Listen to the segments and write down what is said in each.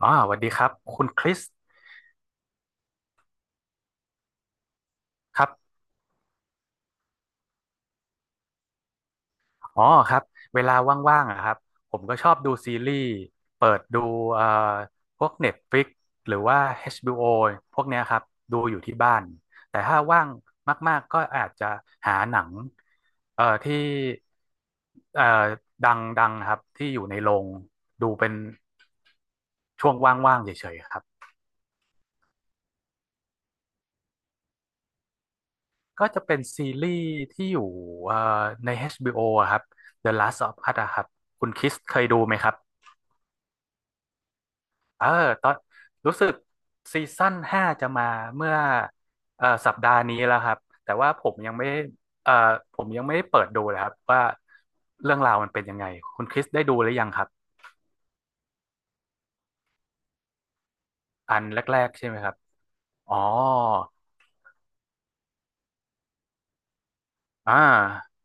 อ๋อสวัสดีครับ คุณคริสครับอ๋อครับ เวลาว่างๆอะครับผมก็ชอบดูซีรีส์เปิดดูเอ่อพวก Netflix หรือว่า HBO พวกเนี้ยครับ ดูอยู่ที่บ้าน แต่ถ้าว่างมากๆ ก็อาจจะหาหนังที่เอ่อดังๆ ครับที่อยู่ในโรงดูเป็นช่วงว่างๆเฉยๆครับ ก็จะเป็นซีรีส์ที่อยู่เอ่อใน HBO อชบีโออะครับ The Last of Us อะครับ คุณคริสเคยดูไหมครับ เออตอนรู้สึกซีซั่นห้าจะมาเมื่อสัปดาห์นี้แล้วครับแต่ว่าผมยังไม่ผมยังไม่ได้เปิดดูเลยครับว่าเรื่องราวมันเป็นยังไงคุณคริสได้ดูหรือยังครับอันแรกๆใช่ไหมครับอ๋ออ่า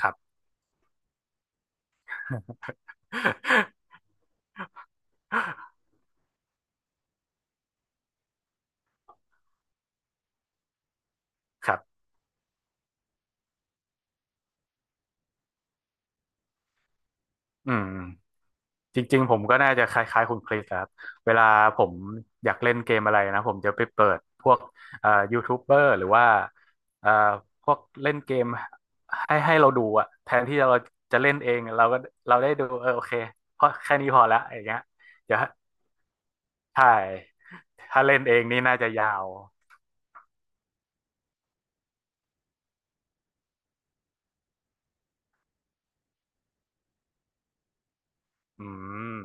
ครับ ครับอืม จริงๆผมก็น่าจะคล้ายๆคุณคริสครับ เวลาผมอยากเล่นเกมอะไรนะผมจะไปเปิดพวกยูทูบเบอร์หรือว่าเอ่อพวกเล่นเกมให้เราดูอะแทนที่เราจะเล่นเองเราก็เราได้ดูเออโอเคเพราะแค่นี้พอละอย่างเงี้ยเดี๋ยวถ้าถ้าเล่นเองนี่น่าจะยาวอืม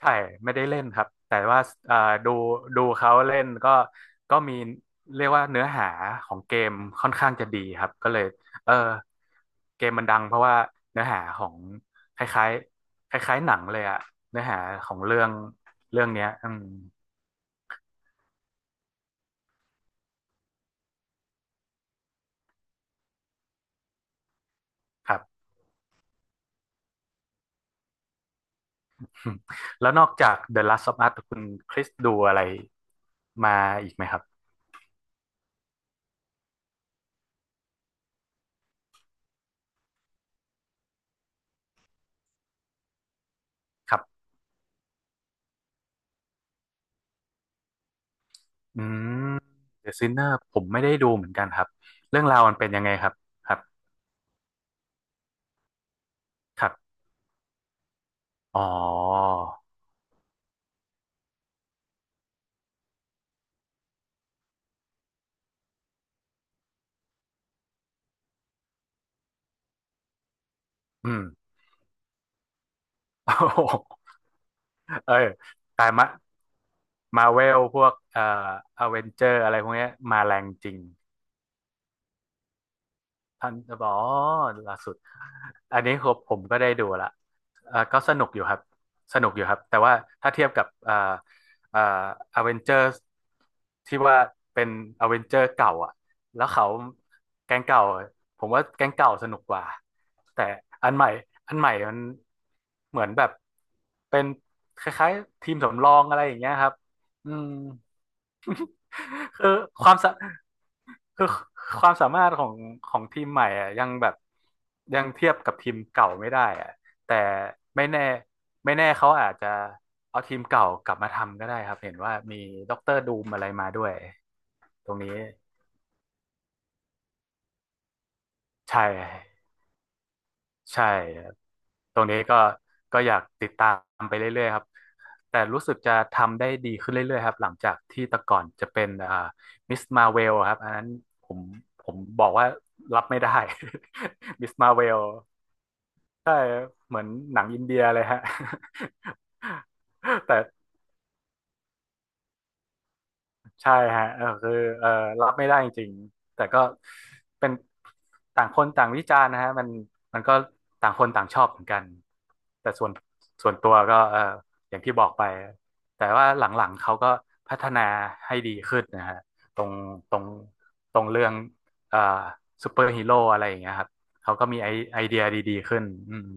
ใช่ไม่ได้เล่นครับแต่ว่าเอ่อดูดูเขาเล่นก็มีเรียกว่าเนื้อหาของเกมค่อนข้างจะดีครับก็เลยเออเกมมันดังเพราะว่าเนื้อหาของคล้ายๆคล้ายๆหนังเลยอะเนื้อหาของเรื่องเนี้ยอืมครับ แล้วนอกจาก The Last of Us คุณคริสดูอะไรมาอีกไหมครับครับอืม The Sinner ผมไม่ได้ดูเหมือนกันครับเรื่องราวมันเป็นยังไงครับครับ อ๋ออืม โอ้โหเออแต่มามาเวลพวกอเวนเจอร์อะไรพวกเนี้ยมาแรงจริง ทันอ๋อล่าสุดอันนี้ครับผมก็ได้ดูละก็สนุกอยู่ครับสนุกอยู่ครับแต่ว่าถ้าเทียบกับอ่าอเวนเจอร์ที่ว่าเป็นอเวนเจอร์เก่าอ่ะแล้วเขาแก๊งเก่าผมว่าแก๊งเก่าสนุกกว่าแต่อันใหม่อันใหม่มันเหมือนแบบเป็นคล้ายๆทีมสำรองอะไรอย่างเงี้ยครับอืม คือความสะคือความสามารถของทีมใหม่อ่ะยังแบบยังเทียบกับทีมเก่าไม่ได้อ่ะแต่ไม่แน่ไม่แน่เขาอาจจะเอาทีมเก่ากลับมาทำก็ได้ครับเห็นว่ามีด็อกเตอร์ดูมอะไรมาด้วยตรงนี้ใช่ ใช่ครับตรงนี้ก็อยากติดตามไปเรื่อยๆครับ แต่รู้สึกจะทำได้ดีขึ้นเรื่อยๆครับหลังจากที่แต่ก่อนจะเป็นมิสมาเวลครับอันนั้นผมผมบอกว่ารับไม่ได้ มิสมาเวลใช่เหมือนหนังอินเดียเลยฮะ แต่ ใช่ฮะเออคือเออรับไม่ได้จริงๆแต่ก็เป็นต่างคนต่างวิจารณ์นะฮะมันก็ต่างคนต่างชอบเหมือนกันแต่ส่วนตัวก็เอออย่างที่บอกไปแต่ว่าหลังๆเขาก็พัฒนาให้ดีขึ้นนะฮะตรงตรงตรงเรื่องเอ่อซูเปอร์ฮีโร่อะไรอย่างเงี้ยครับเขาก็มีไอเดียดีๆขึ้นอืม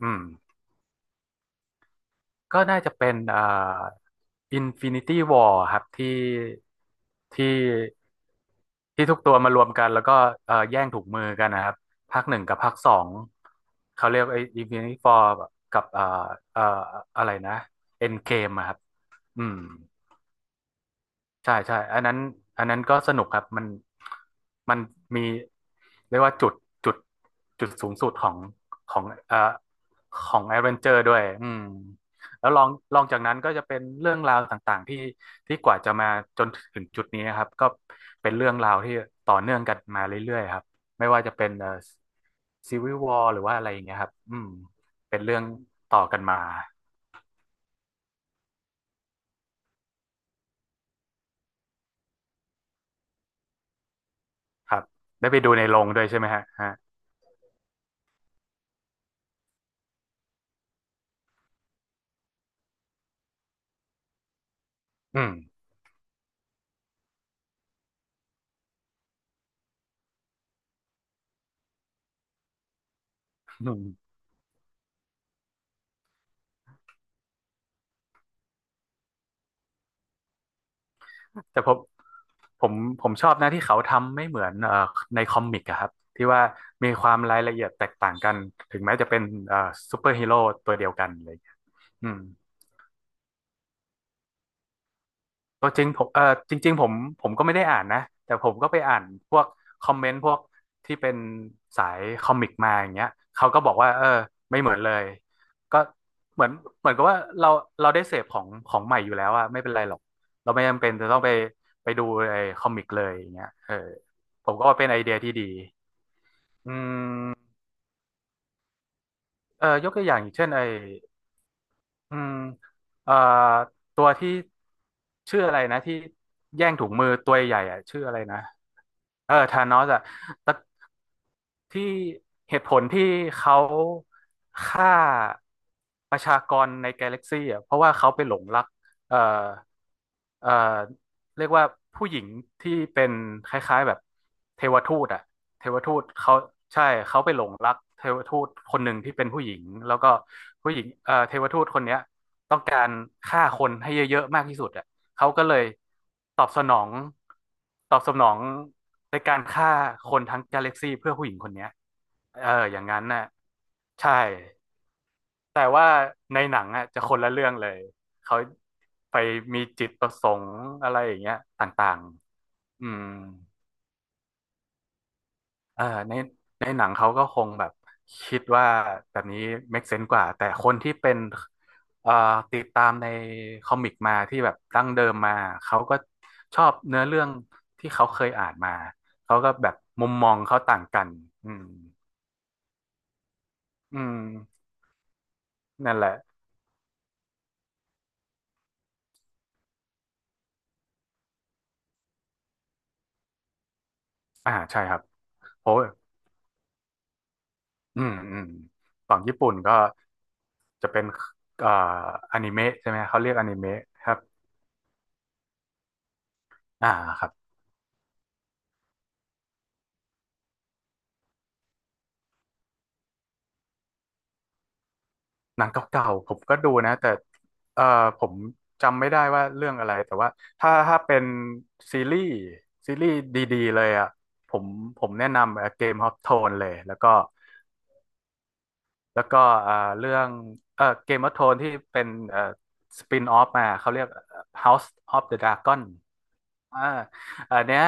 อืม ก็น่าจะเป็นInfinity War ครับที่ที่ทุกตัวมารวมกันแล้วก็แย่งถุงมือกันนะครับภาคหนึ่งกับภาคสองเขาเรียกไอ้ Infinity War กับเอ่ออะไรนะ Endgame อะครับอืม ใช่ใช่อันนั้นก็สนุกครับมันมีเรียกว่าจุดจุดสูงสุดของของของแอดเวนเจอร์ด้วยอืมแล้วลองจากนั้นก็จะเป็นเรื่องราวต่างๆที่ที่กว่าจะมาจนถึงจุดนี้นะครับก็เป็นเรื่องราวที่ต่อเนื่องกันมาเรื่อยๆครับไม่ว่าจะเป็นซีวิววอหรือว่าอะไรอย่างเงี้ยครับอืมเป็นเรื่องต่อกันมาครับได้ไปดูในโรงด้วยใช่ไหมฮะฮะอืม แต่ผม ผมผมชอบนะที่เขาทำไม่เหมือนในคอมิกอะครับที่ว่ามีความรายละเอียดแตกต่างกันถึงแม้จะเป็นเอ่อซูเปอร์ฮีโร่ตัวเดียวกันเลยอืม ตัวจริงผมเออจริงๆผมก็ไม่ได้อ่านนะแต่ผมก็ไปอ่านพวกคอมเมนต์พวกที่เป็นสายคอมิกมาอย่างเงี้ยเขาก็บอกว่าเออไม่เหมือนเลยก็เหมือนกับว่าเราเราได้เสพของของใหม่อยู่แล้วอะไม่เป็นไรหรอกเราไม่จำเป็นจะต้องไปไปดูไอ้คอมิกเลยอย่างเงี้ยเออผมก็ว่าเป็นไอเดียที่ดีอืมเออยกตัวอย่างอย่างเช่นไอ้ อืมเอ่อตัวที่ชื่ออะไรนะที่แย่งถุงมือตัวใหญ่อะชื่ออะไรนะเออธานอสอะแต่ที่เหตุผลที่เขาฆ่าประชากรในกาแล็กซี่อะเพราะว่าเขาไปหลงรักเอ่อเอ่อ เรียกว่าผู้หญิงที่เป็นคล้ายๆแบบเทวทูตอะเทวทูตเขาใช่เขาไปหลงรักเทวทูตคนหนึ่งที่เป็นผู้หญิงแล้วก็ผู้หญิงเทวทูตคนเนี้ยต้องการฆ่าคนให้เยอะๆมากที่สุดอะเขาก็เลยตอบสนองตอบสนองในการฆ่าคนทั้งกาแล็กซี่เพื่อผู้หญิงคนเนี้ยเอออย่างนั้นน่ะใช่ แต่ว่าในหนังอ่ะจะคนละเรื่องเลยเขาไปมีจิตประสงค์อะไรอย่างเงี้ยต่างๆอืมเออในในหนังเขาก็คงแบบคิดว่าแบบนี้ make sense กว่าแต่คนที่เป็นเอ่อติดตามในคอมิกมาที่แบบดั้งเดิมมาเขาก็ชอบเนื้อเรื่องที่เขาเคยอ่านมาเขาก็แบบมุมมองเขาต่างกันอืมอืมนั่นแหละอ่าใช่ครับโอ้ยอืมอืมฝั่งญี่ปุ่นก็ จะเป็นเอ่ออนิเมะใช่ไหมเขาเรียกอนิเมะครับอ่าครับหนังเก่าๆผมก็ดูนะแต่เอ่อผมจำไม่ได้ว่าเรื่องอะไรแต่ว่าถ้าเป็นซีรีส์ซีรีส์ดีๆเลยอ่ะผมผมแนะนำเกมฮอ t โทนเลยแล้วก็แล้วก็เอ่อเรื่องเกมฮอ t โทนที่เป็นสปินออฟมาเขาเรียก House of the Dragon อ่าอันเนี้ย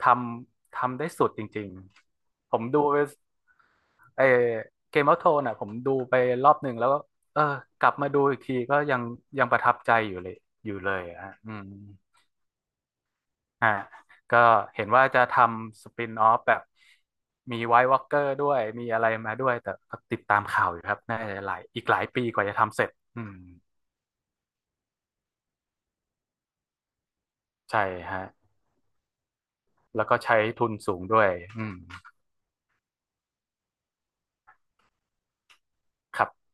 ทำทำได้สุดจริงๆผมดู ไอเกมออฟโทนอ่ะผมดูไปรอบหนึ่งแล้วก็เออกลับมาดูอีกทีก็ยังประทับใจอยู่เลยอยู่เลยอะฮะอืมอ่าก็เห็นว่าจะทำสปินออฟแบบมีไว i t e วอ a l k เกอร์ด้วยมีอะไรมาด้วยแต่ก็ติดตามข่าวอยู่ครับน่าจะหลายอีกหลายปีกว่าจะทำเสร็จอืมใช่ฮะแล้วก็ใช้ทุนสูงด้วยอืมครับ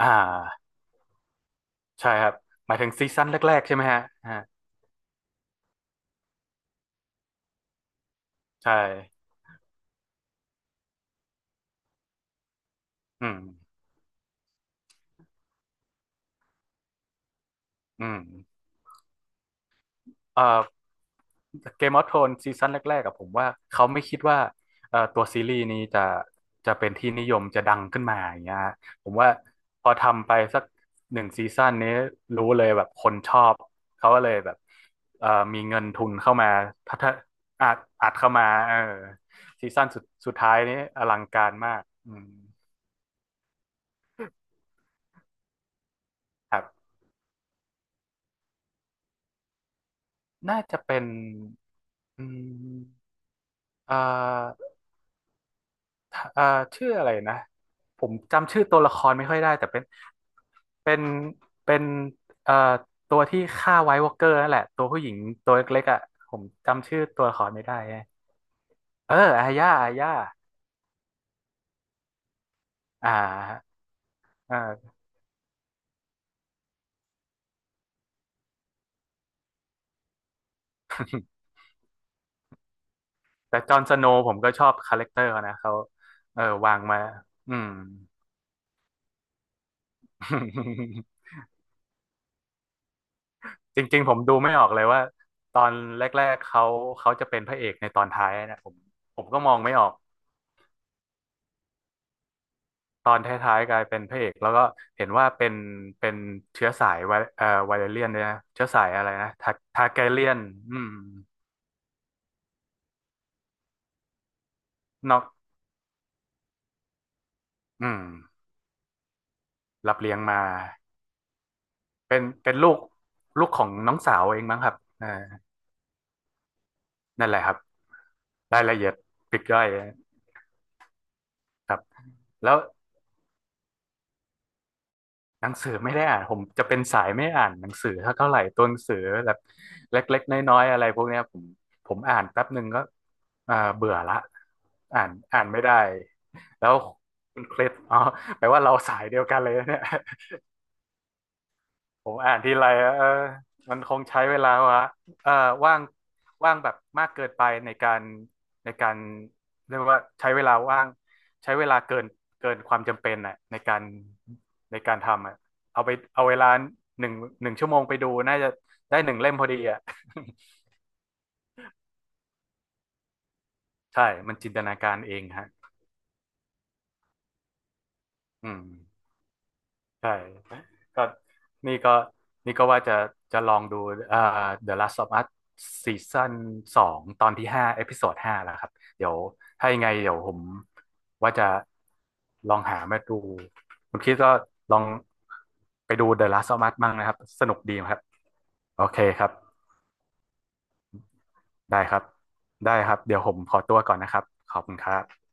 อ่าใช่ครับหมายถึงซีซั่นแรกๆใช่ไหมฮะฮะใช่อืมอืม เอ่อเกมออฟโทนซีซั่นแรกๆกับผมว่าเขาไม่คิดว่าตัวซีรีส์นี้จะจะเป็นที่นิยมจะดังขึ้นมาอย่างเงี้ยฮะผมว่าพอทำไปสักหนึ่งซีซั่นนี้รู้เลยแบบคนชอบเขาก็เลยแบบมีเงินทุนเข้ามาพัฒอัดอัดเข้ามาเออซีซั่นสุดท้ายนี้อลังการมากอืมครับน่าจะเป็นอืมเอ่อ อ่าชื่ออะไรนะผมจำชื่อตัวละครไม่ค่อยได้แต่เป็นเป็นเป็นเอ่อตัวที่ฆ่าไวท์วอล์กเกอร์นั่นแหละตัวผู้หญิงตัวเล็กๆอ่ะผมจำชื่อตัวละครไม่ได้แฮะเอออาย่าอ่าเออแต่จอห์นสโนว์ผมก็ชอบคาแรคเตอร์เขานะเขาเออวางมาอืม จริงๆผมดูไม่ออกเลยว่าตอนแรกๆเขาจะเป็นพระเอกในตอนท้ายนะผมก็มองไม่ออก ตอนท้ายๆกลายเป็นพระเอกแล้วก็เห็นว่าเป็นเป็นเชื้อสายไวไวเลเรียนด้วยนะเชื้อสายอะไรนะทาทาร์แกเรียนอืมนอกอืมรับเลี้ยงมาเป็นลูกของน้องสาวเองมั้งครับเออนั่นแหละครับรายละเอียดปลีกย่อยครับแล้ว หนังสือไม่ได้อ่านผมจะเป็นสายไม่อ่านหนังสือเท่าไหร่ตัวหนังสือแบบเล็กๆน้อยๆอะไรพวกเนี้ยผมอ่านแป๊บหนึ่งก็อ่าเบื่อละอ่านไม่ได้แล้วคุณเคล็ดอ๋อแปลว่าเราสายเดียวกันเลยนะเนี่ย ผมอ่านทีไรอะเออมันคงใช้เวลาวะเออว่างว่างแบบมากเกินไปในการเรียกว่าใช้เวลาว่างใช้เวลาเกินเกินความจำเป็นอะในการทำอะเอาไปเอาเวลาหนึ่งหนึ่งชั่วโมงไปดูน่าจะได้หนึ่งเล่มพอดีอ่ะ ใช่มันจินตนาการเองฮะอืม ใช่ก็นี่ก็นี่ก็ว่าจะจะลองดูเอ่อ The Last of Us ซีซั่น 2ตอนที่ 5เอพิโซด 5แล้วครับเดี๋ยวถ้ายังไงเดี๋ยวผมว่าจะลองหามาดูคุณคิดก็ลองไปดู The Last of Us มั่งนะครับสนุกดีนะครับโอเคครับได้ครับได้ครับเดี๋ยวผมขอตัวก่อนนะครับขอบคุณครับ